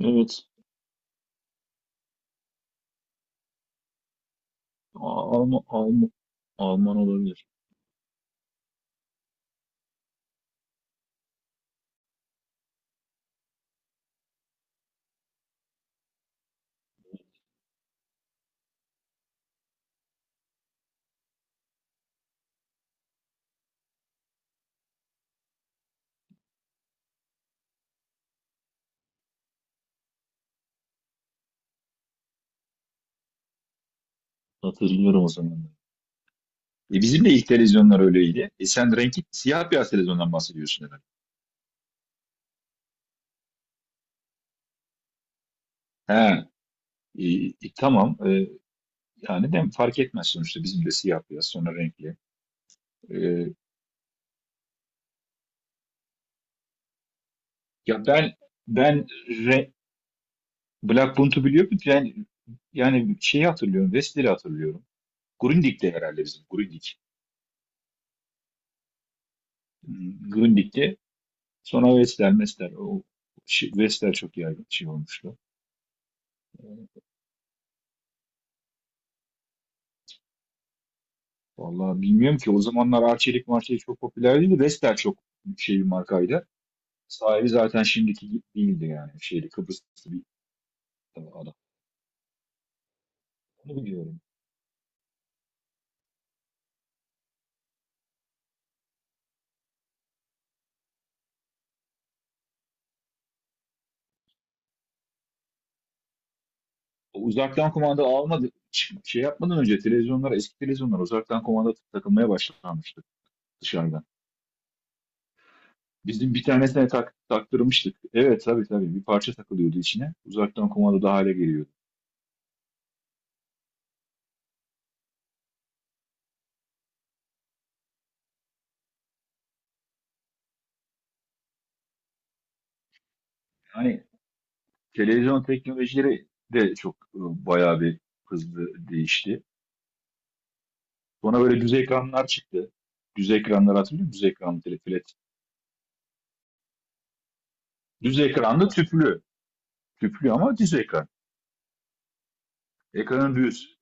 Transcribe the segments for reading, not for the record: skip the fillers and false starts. Evet. A- Alman, Alman, Alman olabilir. Hatırlıyorum o zamanları. Bizim de ilk televizyonlar öyleydi. Sen renkli siyah beyaz televizyondan bahsediyorsun herhalde. He, e, tamam. Yani de fark etmez sonuçta bizim de siyah beyaz sonra renkli. E, Ya ben, ben re, Black Bunt'u biliyorum. Ben yani şeyi hatırlıyorum. Wester'i hatırlıyorum. Grundig'de herhalde bizim. Grundig. Grundig'de. Sonra Wester, Wester. Wester çok yaygın şey olmuştu. Vallahi bilmiyorum ki o zamanlar Arçelik marçelik çok popüler değildi. Vestel çok şey bir markaydı. Sahibi zaten şimdiki gibi değildi yani. Şeyli Kıbrıslı bir adam. Onu biliyorum. O uzaktan kumanda almadı. Şey yapmadan önce televizyonlar, eski televizyonlar, uzaktan kumanda takılmaya başlanmıştı dışarıdan. Bizim bir tanesine taktırmıştık. Evet, tabii tabii, bir parça takılıyordu içine. Uzaktan kumanda da hale geliyordu. Yani televizyon teknolojileri de çok, bayağı bir hızlı değişti. Sonra böyle düz ekranlar çıktı. Düz ekranlar hatırlıyor musun? Düz ekranlı telefon. Evet. Düz ekranlı tüplü. Tüplü ama düz ekran. Ekranın düz.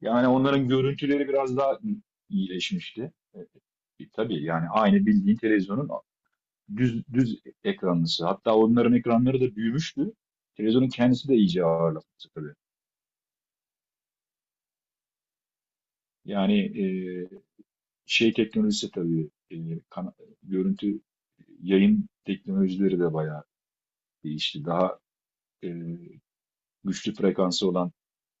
Yani onların görüntüleri biraz daha iyileşmişti. Tabii yani aynı bildiğin televizyonun düz düz ekranlısı. Hatta onların ekranları da büyümüştü. Televizyonun kendisi de iyice ağırlaşmıştı tabii. Yani e, şey teknolojisi tabii, kana- görüntü, yayın teknolojileri de bayağı değişti. Daha e, güçlü frekansı olan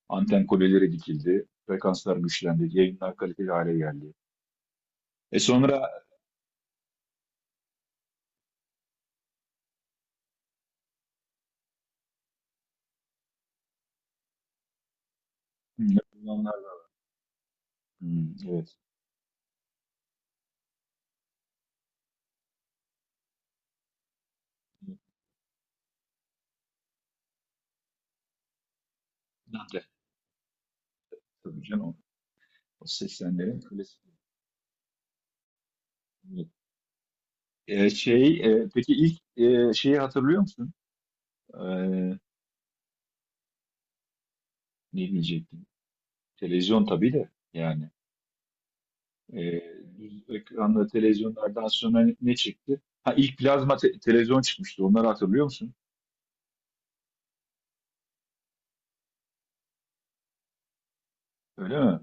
anten kuleleri dikildi. Frekanslar güçlendi. Yayınlar kaliteli hale geldi. Sonra. Hmm, hmm, evet. Dante, tabii canım. O 80'lerin klasik. Şey, peki ilk şeyi hatırlıyor musun? E, Ne diyecektim? Televizyon tabii de yani. E, Düz ekranlı televizyonlardan sonra ne çıktı? Ha, ilk plazma televizyon çıkmıştı. Onları hatırlıyor musun? Öyle mi?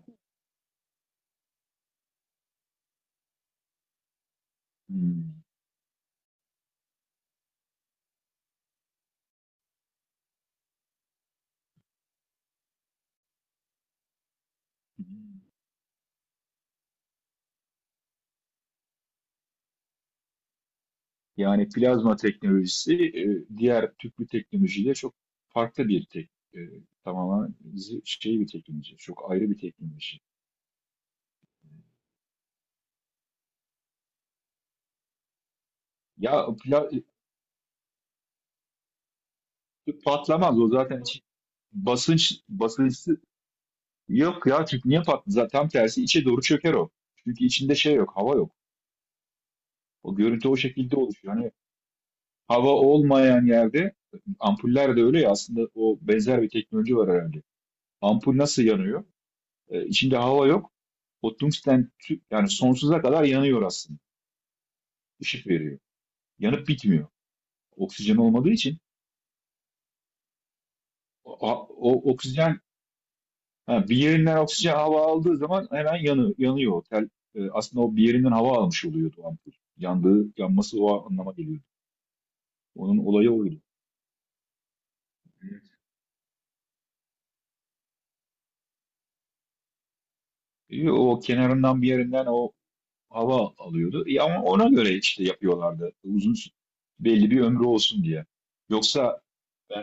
Hmm. Yani plazma teknolojisi, diğer tüplü teknolojiyle çok farklı, bir tek, e, tamamen, şey bir teknoloji. Çok ayrı bir teknoloji. Ya, pla- patlamaz o zaten, basıncı yok ya, çünkü niye patladı? Zaten tam tersi içe doğru çöker o. Çünkü içinde şey yok, hava yok. O görüntü o şekilde oluşuyor. Hani hava olmayan yerde ampuller de öyle ya, aslında o benzer bir teknoloji var herhalde. Ampul nasıl yanıyor? İçinde hava yok. O tungsten, yani sonsuza kadar yanıyor aslında. Işık veriyor. Yanıp bitmiyor. Oksijen olmadığı için o, o oksijen, ha, bir yerinden oksijen, hava aldığı zaman hemen yanıyor. Aslında o bir yerinden hava almış oluyordu o ampul. Yanması o anlama geliyordu. Onun olayı oydu. O kenarından, bir yerinden o hava alıyordu. Ama ona göre işte yapıyorlardı, uzun belli bir ömrü olsun diye. Yoksa. e,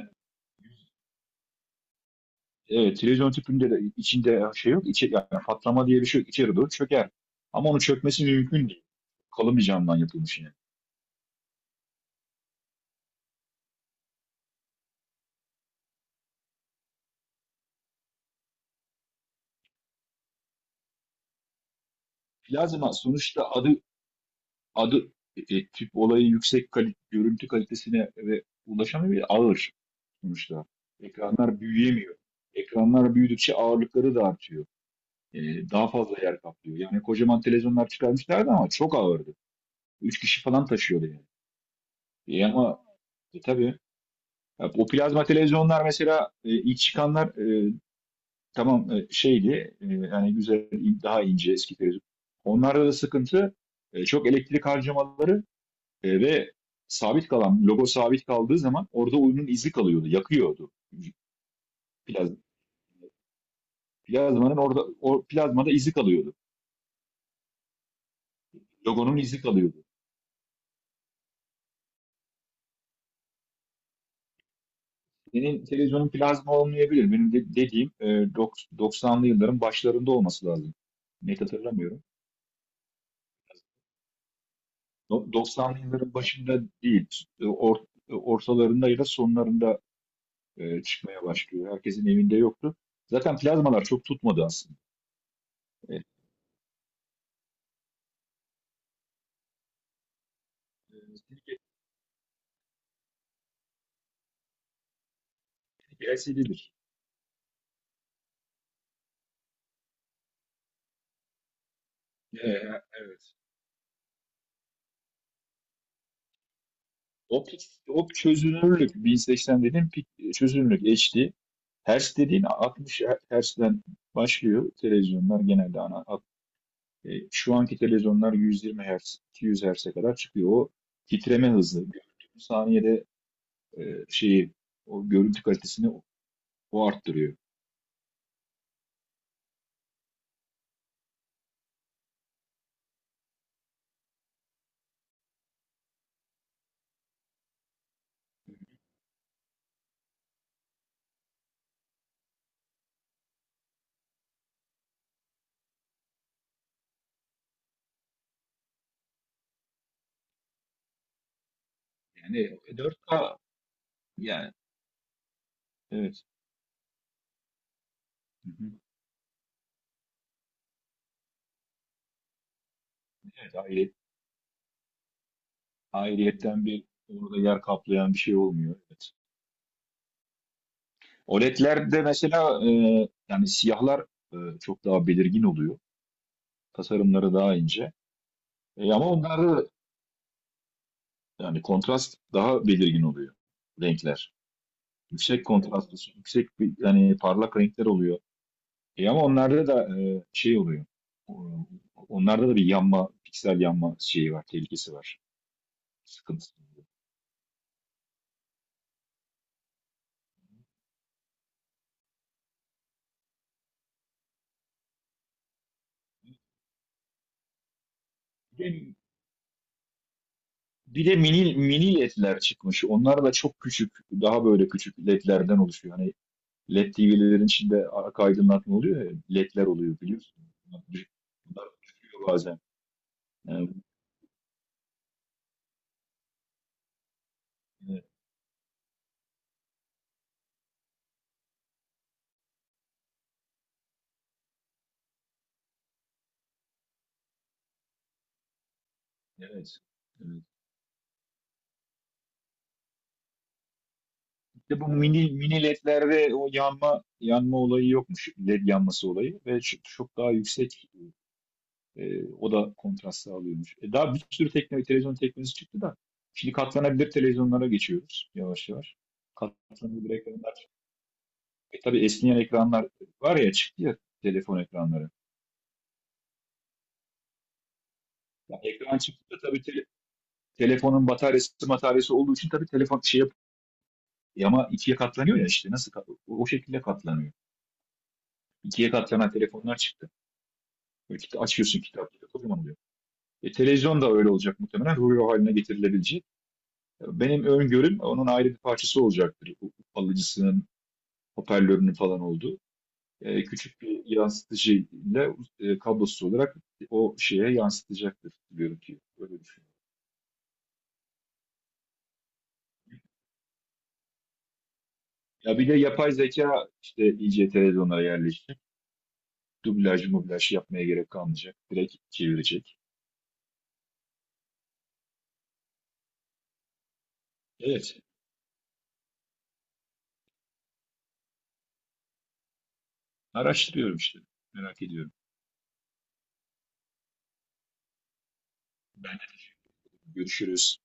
Evet, televizyon tüpünde de içinde şey yok. Yani patlama diye bir şey yok. İçeri doğru çöker. Ama onun çökmesi mümkün değil. Kalın bir camdan yapılmış yine. Plazma sonuçta adı, adı tüp olayı yüksek görüntü kalitesine ve ulaşamıyor ya, ağır sonuçta. Ekranlar büyüyemiyor. Ekranlar büyüdükçe ağırlıkları da artıyor. Daha fazla yer kaplıyor. Yani kocaman televizyonlar çıkarmışlardı ama çok ağırdı. Üç kişi falan taşıyordu yani. Ama tabii, ya, o plazma televizyonlar mesela, ilk çıkanlar, tamam, şeydi, yani güzel, daha ince eski televizyon. Onlarda da sıkıntı, çok elektrik harcamaları, ve sabit kalan logo, sabit kaldığı zaman orada oyunun izi kalıyordu, yakıyordu. Plaz, Plazmanın orada, o plazmada izi kalıyordu. Logonun izi kalıyordu. Senin televizyonun plazma olmayabilir. Benim dediğim, 90'lı yılların başlarında olması lazım. Net hatırlamıyorum. 90'lı yılların başında değil, ortalarında ya da sonlarında, çıkmaya başlıyor. Herkesin evinde yoktu. Zaten plazmalar çok tutmadı aslında. E, Silikon LCD'dir. Ee, evet. O, o çözünürlük 1080 dediğim, çözünürlük HD. Hertz dediğin 60 hertz'den başlıyor televizyonlar, genelde ana. Şu anki televizyonlar 120 Hz, 200 hertz'e kadar çıkıyor. O titreme hızı. Saniyede şeyi, o görüntü kalitesini o arttırıyor. Yani 4K, yani evet. Hı hı. Evet, ayrıyetten bir, orada yer kaplayan bir şey olmuyor. Evet. OLED'lerde mesela, yani siyahlar çok daha belirgin oluyor. Tasarımları daha ince. Ama onlarda yani kontrast daha belirgin oluyor, renkler. Yüksek kontrastlı, yüksek bir, yani parlak renkler oluyor. Ama onlarda da şey oluyor. O- Onlarda da bir yanma, piksel yanma şeyi var, tehlikesi var. Sıkıntısı. Bir de, bir de mini, mini LED'ler çıkmış. Onlar da çok küçük, daha böyle küçük LED'lerden oluşuyor. Hani LED TV'lerin içinde arka aydınlatma oluyor ya, LED'ler oluyor biliyorsun. Bunlar düşüyor bazen. Yani, evet. Evet. İşte bu mini, mini LED'lerde o yanma, yanma olayı yokmuş. LED yanması olayı ve çok çok daha yüksek, o da kontrast sağlıyormuş. Daha bir sürü teknoloji, televizyon teknolojisi çıktı da şimdi katlanabilir televizyonlara geçiyoruz yavaş yavaş. Katlanabilir ekranlar. Tabii esneyen ekranlar var ya, çıktı ya, telefon ekranları. Ya, ekran çıktı da tabii, telefonun bataryası olduğu için tabii telefon şey yap, ama ikiye katlanıyor ya işte, o şekilde katlanıyor. İkiye katlanan telefonlar çıktı. Böyle açıyorsun, kitapları kocaman oluyor. Televizyon da öyle olacak muhtemelen. Rulo haline getirilebileceği. Benim öngörüm, onun ayrı bir parçası olacaktır. Alıcısının, hoparlörünün falan olduğu. Küçük bir yansıtıcıyla kablosuz olarak o şeye yansıtacaktır görüntüyü. Öyle düşünüyorum. Ya bir de yapay zeka işte iyice televizyonlara yerleşti. Dublaj, mublaj yapmaya gerek kalmayacak. Direkt çevirecek. Evet. Araştırıyorum işte. Merak ediyorum. Ben de görüşürüz.